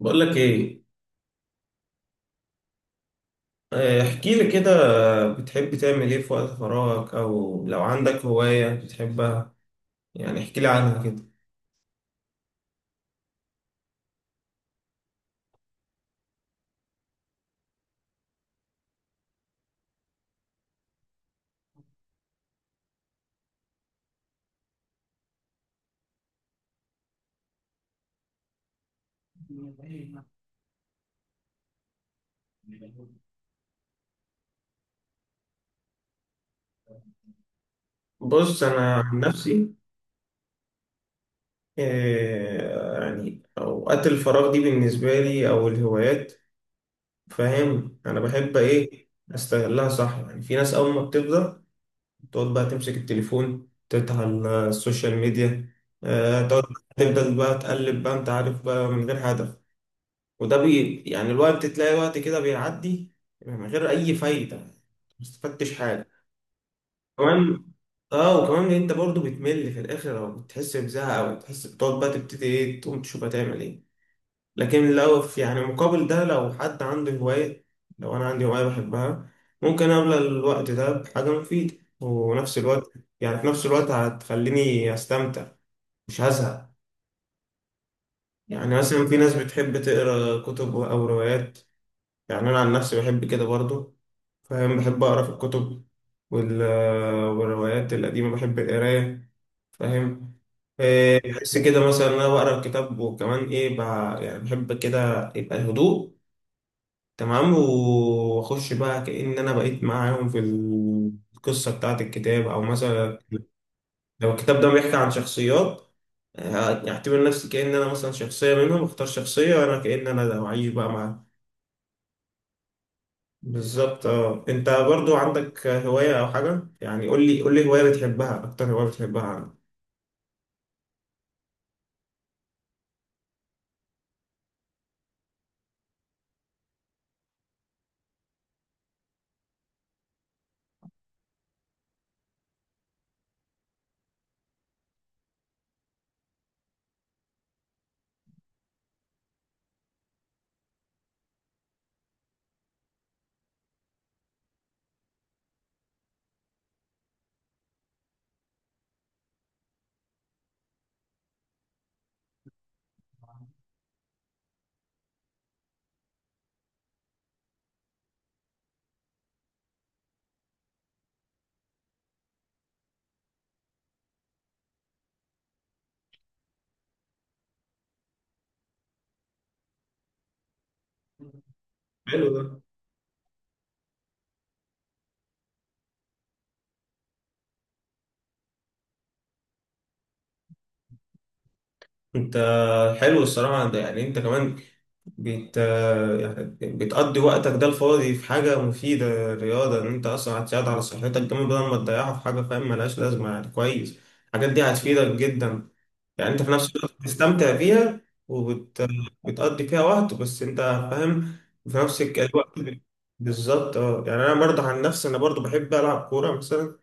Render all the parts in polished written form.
بقول لك ايه. احكي لي كده. بتحب تعمل ايه في وقت فراغك او لو عندك هواية بتحبها؟ احكي لي عنها كده. بص انا عن نفسي، اوقات الفراغ دي بالنسبة لي او الهوايات، فاهم انا بحب ايه استغلها صح. يعني في ناس اول ما بتبدأ تقعد بقى تمسك التليفون، تفتح السوشيال ميديا، تقعد تفضل بقى تقلب بقى، انت عارف بقى، من غير هدف. وده بي يعني الوقت، تلاقي وقت كده بيعدي من غير أي فايدة. ما استفدتش حاجة كمان. اه، وكمان إن انت برضو بتمل في الاخر، او بتحس بزهق، او بتحس بتقعد بقى تبتدي ايه، تقوم تشوف هتعمل ايه. لكن لو في يعني مقابل ده، لو حد عنده هواية، لو انا عندي هواية بحبها، ممكن املى الوقت ده بحاجة مفيدة، ونفس الوقت يعني في نفس الوقت هتخليني استمتع، مش هزهق. يعني مثلا في ناس بتحب تقرا كتب او روايات. يعني انا عن نفسي بحب كده برضو، فاهم، بحب أقرأ في الكتب وال... والروايات القديمة، بحب القراية، فاهم؟ إيه، بحس كده مثلا إن أنا بقرأ الكتاب، وكمان إيه بقى، يعني بحب كده يبقى الهدوء تمام، وأخش بقى كأن أنا بقيت معاهم في القصة بتاعة الكتاب. أو مثلا لو الكتاب ده بيحكي عن شخصيات، أعتبر نفسي كأن أنا مثلا شخصية منهم، أختار شخصية وأنا كأن أنا ده، وأعيش بقى مع... بالظبط. اه، انت برضو عندك هواية او حاجة؟ يعني قول لي هواية بتحبها، اكتر هواية بتحبها عندك. حلو ده. انت حلو الصراحة ده. يعني انت كمان بت يعني بتقضي وقتك ده الفاضي في حاجة مفيدة، رياضة، ان انت اصلا هتساعد على صحتك جامد بدل ما تضيعها في حاجة فاهم ملهاش لازمة، يعني كويس. الحاجات دي هتفيدك جدا، يعني انت في نفس الوقت بتستمتع بيها وبتقضي فيها وقت، بس انت فاهم في نفس الوقت بالظبط. اه، يعني انا برضه عن نفسي انا برضه بحب العب كوره مثلا.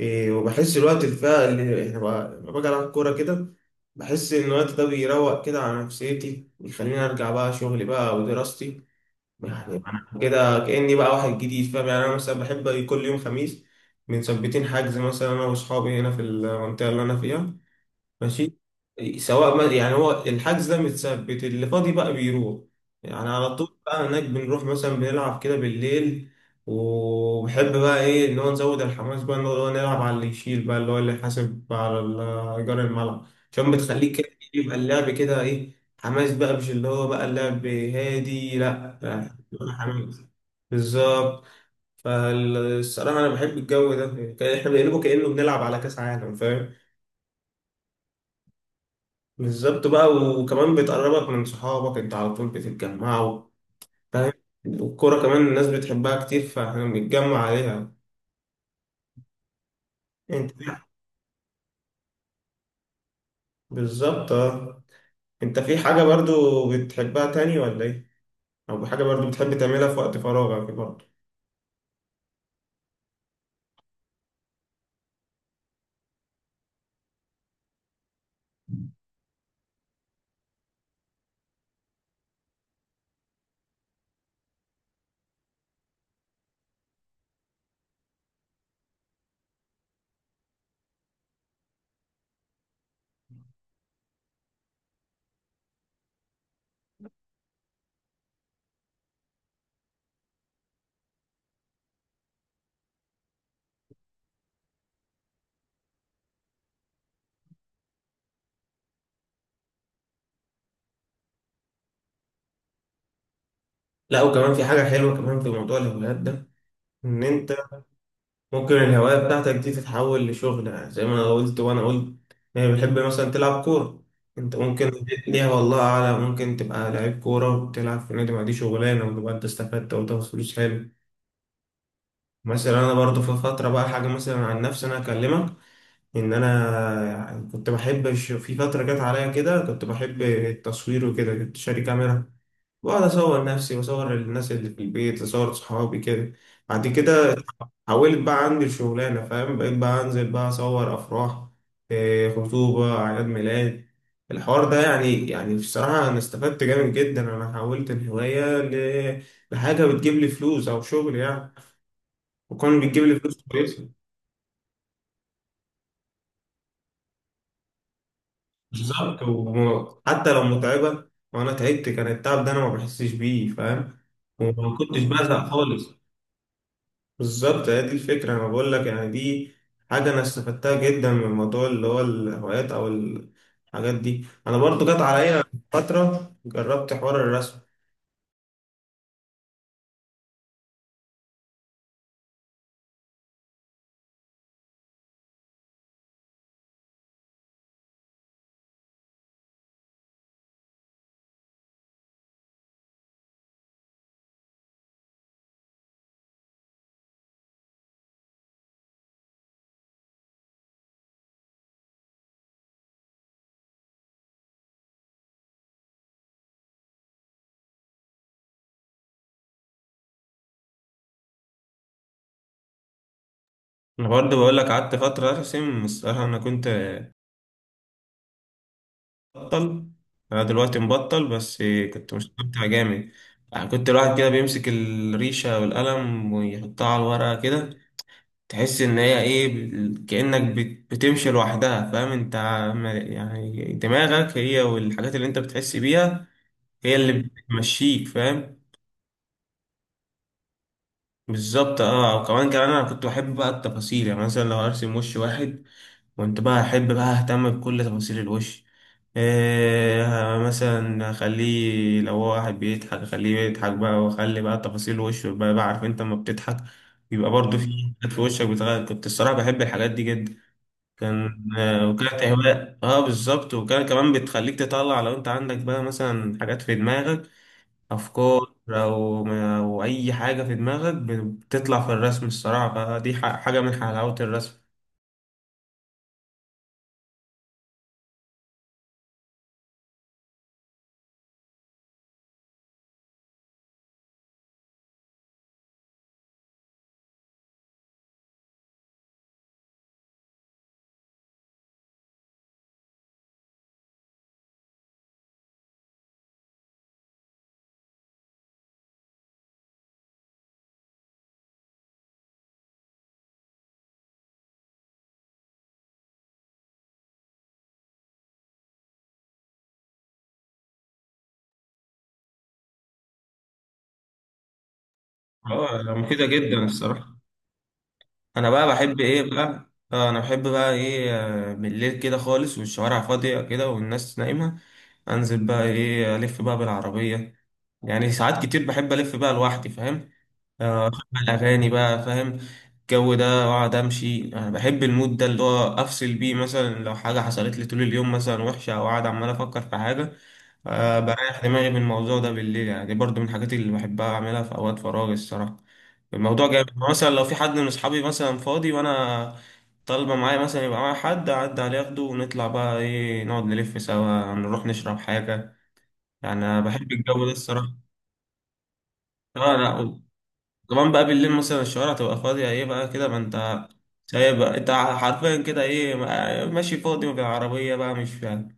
إيه، وبحس الوقت اللي فيها، اللي يعني لما باجي العب كوره كده، بحس ان الوقت ده بيروق كده على نفسيتي، ويخليني ارجع بقى شغلي بقى ودراستي، يعني انا كده كاني بقى واحد جديد، فاهم؟ يعني انا مثلا بحب كل يوم خميس بنثبتين حجز مثلا انا واصحابي هنا في المنطقه اللي انا فيها، ماشي، سواء ما يعني هو الحجز ده متثبت، اللي فاضي بقى بيروح يعني على طول بقى هناك. بنروح مثلا بنلعب كده بالليل، وبحب بقى ايه ان هو نزود الحماس بقى ان هو نلعب على اللي يشيل بقى، اللي هو اللي حاسب على ايجار الملعب، عشان بتخليك كده إيه، يبقى اللعب كده ايه، حماس بقى، مش اللي هو بقى اللعب هادي لا، يعني يبقى حماس. بالظبط. فالصراحة أنا بحب الجو ده. إحنا بنقلبه كأنه بنلعب على كأس عالم. بالظبط بقى، وكمان بتقربك من صحابك، انت على طول بتتجمعوا، فاهم؟ والكورة كمان الناس بتحبها كتير، فاحنا بنتجمع عليها. انت بالظبط. اه، انت في حاجة برضو بتحبها تاني ولا ايه؟ او حاجة برضو بتحب تعملها في وقت فراغك برضو؟ لا، وكمان في حاجة حلوة كمان في موضوع الهوايات ده، ان انت ممكن الهواية بتاعتك دي تتحول لشغل. يعني زي ما أنا قلت وأنا قلت، يعني بتحب مثلا تلعب كورة، أنت ممكن ليها والله أعلم ممكن تبقى لعيب كورة وتلعب في نادي، ما دي شغلانة، وتبقى أنت استفدت وتاخد فلوس، حلو. مثلا أنا برضه في فترة بقى حاجة مثلا عن نفسي أنا أكلمك، إن أنا يعني كنت بحب في فترة جت عليا كده كنت بحب التصوير وكده، كنت شاري كاميرا، بقعد أصور نفسي، وأصور الناس اللي في البيت، أصور صحابي كده. بعد كده حولت بقى عندي الشغلانة، فاهم، بقيت بقى أنزل بقى أصور أفراح إيه، خطوبة، أعياد ميلاد، الحوار ده. يعني يعني بصراحة أنا استفدت جامد جدا، أنا حولت الهواية لحاجة بتجيب لي فلوس، أو شغل يعني، وكان بتجيب لي فلوس كويسة. بالظبط، وحتى لو متعبة وأنا تعبت، كان التعب ده أنا ما بحسش بيه، فاهم، وما كنتش بزهق خالص. بالظبط، هي دي الفكرة أنا بقول لك، يعني دي حاجة أنا استفدتها جدا من موضوع اللي هو الهوايات أو الحاجات دي. أنا برضو جت عليا فترة جربت حوار الرسم. أنا برضو بقول لك قعدت فترة أرسم، الصراحة أنا كنت بطل، أنا دلوقتي مبطل، بس كنت مستمتع جامد. يعني كنت الواحد كده بيمسك الريشة والقلم ويحطها على الورقة كده، تحس ان هي ايه كأنك بتمشي لوحدها، فاهم انت يعني دماغك هي والحاجات اللي انت بتحس بيها هي اللي بتمشيك، فاهم؟ بالظبط. اه، وكمان انا كنت بحب بقى التفاصيل. يعني مثلا لو ارسم وش واحد، كنت بقى احب بقى اهتم بكل تفاصيل الوش. إيه، مثلا اخليه لو هو واحد بيضحك، اخليه يضحك بقى، واخلي بقى تفاصيل وشه بقى. بقى عارف انت لما بتضحك بيبقى برضه في حاجات في وشك بتغير. كنت الصراحة بحب الحاجات دي جدا. كان وكانت هواية، اه بالظبط، وكان كمان بتخليك تطلع لو انت عندك بقى مثلا حاجات في دماغك، افكار او اي حاجة في دماغك بتطلع في الرسم الصراحة، فدي حاجة من حلاوة الرسم. اه مفيدة جدا الصراحة. انا بقى بحب ايه بقى، اه انا بحب بقى ايه، بالليل كده خالص والشوارع فاضية كده والناس نايمة، انزل بقى ايه الف بقى بالعربية. يعني ساعات كتير بحب الف بقى لوحدي، فاهم، اشغل اغاني بقى، فاهم الجو ده، واقعد امشي. انا بحب المود ده، اللي هو افصل بيه مثلا لو حاجه حصلت لي طول اليوم مثلا وحشه، او قاعد عمال افكر في حاجه، أه بريح دماغي من الموضوع ده بالليل. يعني دي برضو من الحاجات اللي بحبها اعملها في اوقات فراغي الصراحه. الموضوع جامد. يعني مثلا لو في حد من اصحابي مثلا فاضي وانا طالبه معايا مثلا، يبقى معايا حد اعدي عليه اخده، ونطلع بقى ايه نقعد نلف سوا، نروح نشرب حاجه. يعني أنا بحب الجو ده الصراحه. اه لا، كمان بقى بالليل مثلا الشوارع تبقى فاضية ايه بقى كده، ما انت شايف بقى، انت حرفيا كده ايه ماشي فاضي بالعربية بقى، مش فاهم،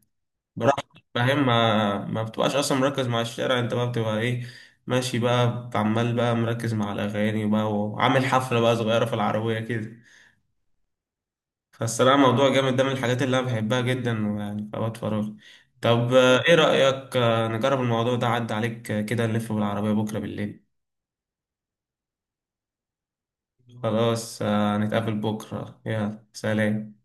براحتك، فاهم ما بتبقاش اصلا مركز مع الشارع، انت بقى بتبقى ايه ماشي بقى، عمال بقى مركز مع الاغاني بقى، وعامل حفلة بقى صغيرة في العربية كده. فالصراحة موضوع جامد ده، من الحاجات اللي انا بحبها جدا ويعني في اوقات فراغي. طب ايه رأيك نجرب الموضوع ده عدى عليك كده، نلف بالعربية بكرة بالليل؟ خلاص نتقابل بكرة، يلا سلام.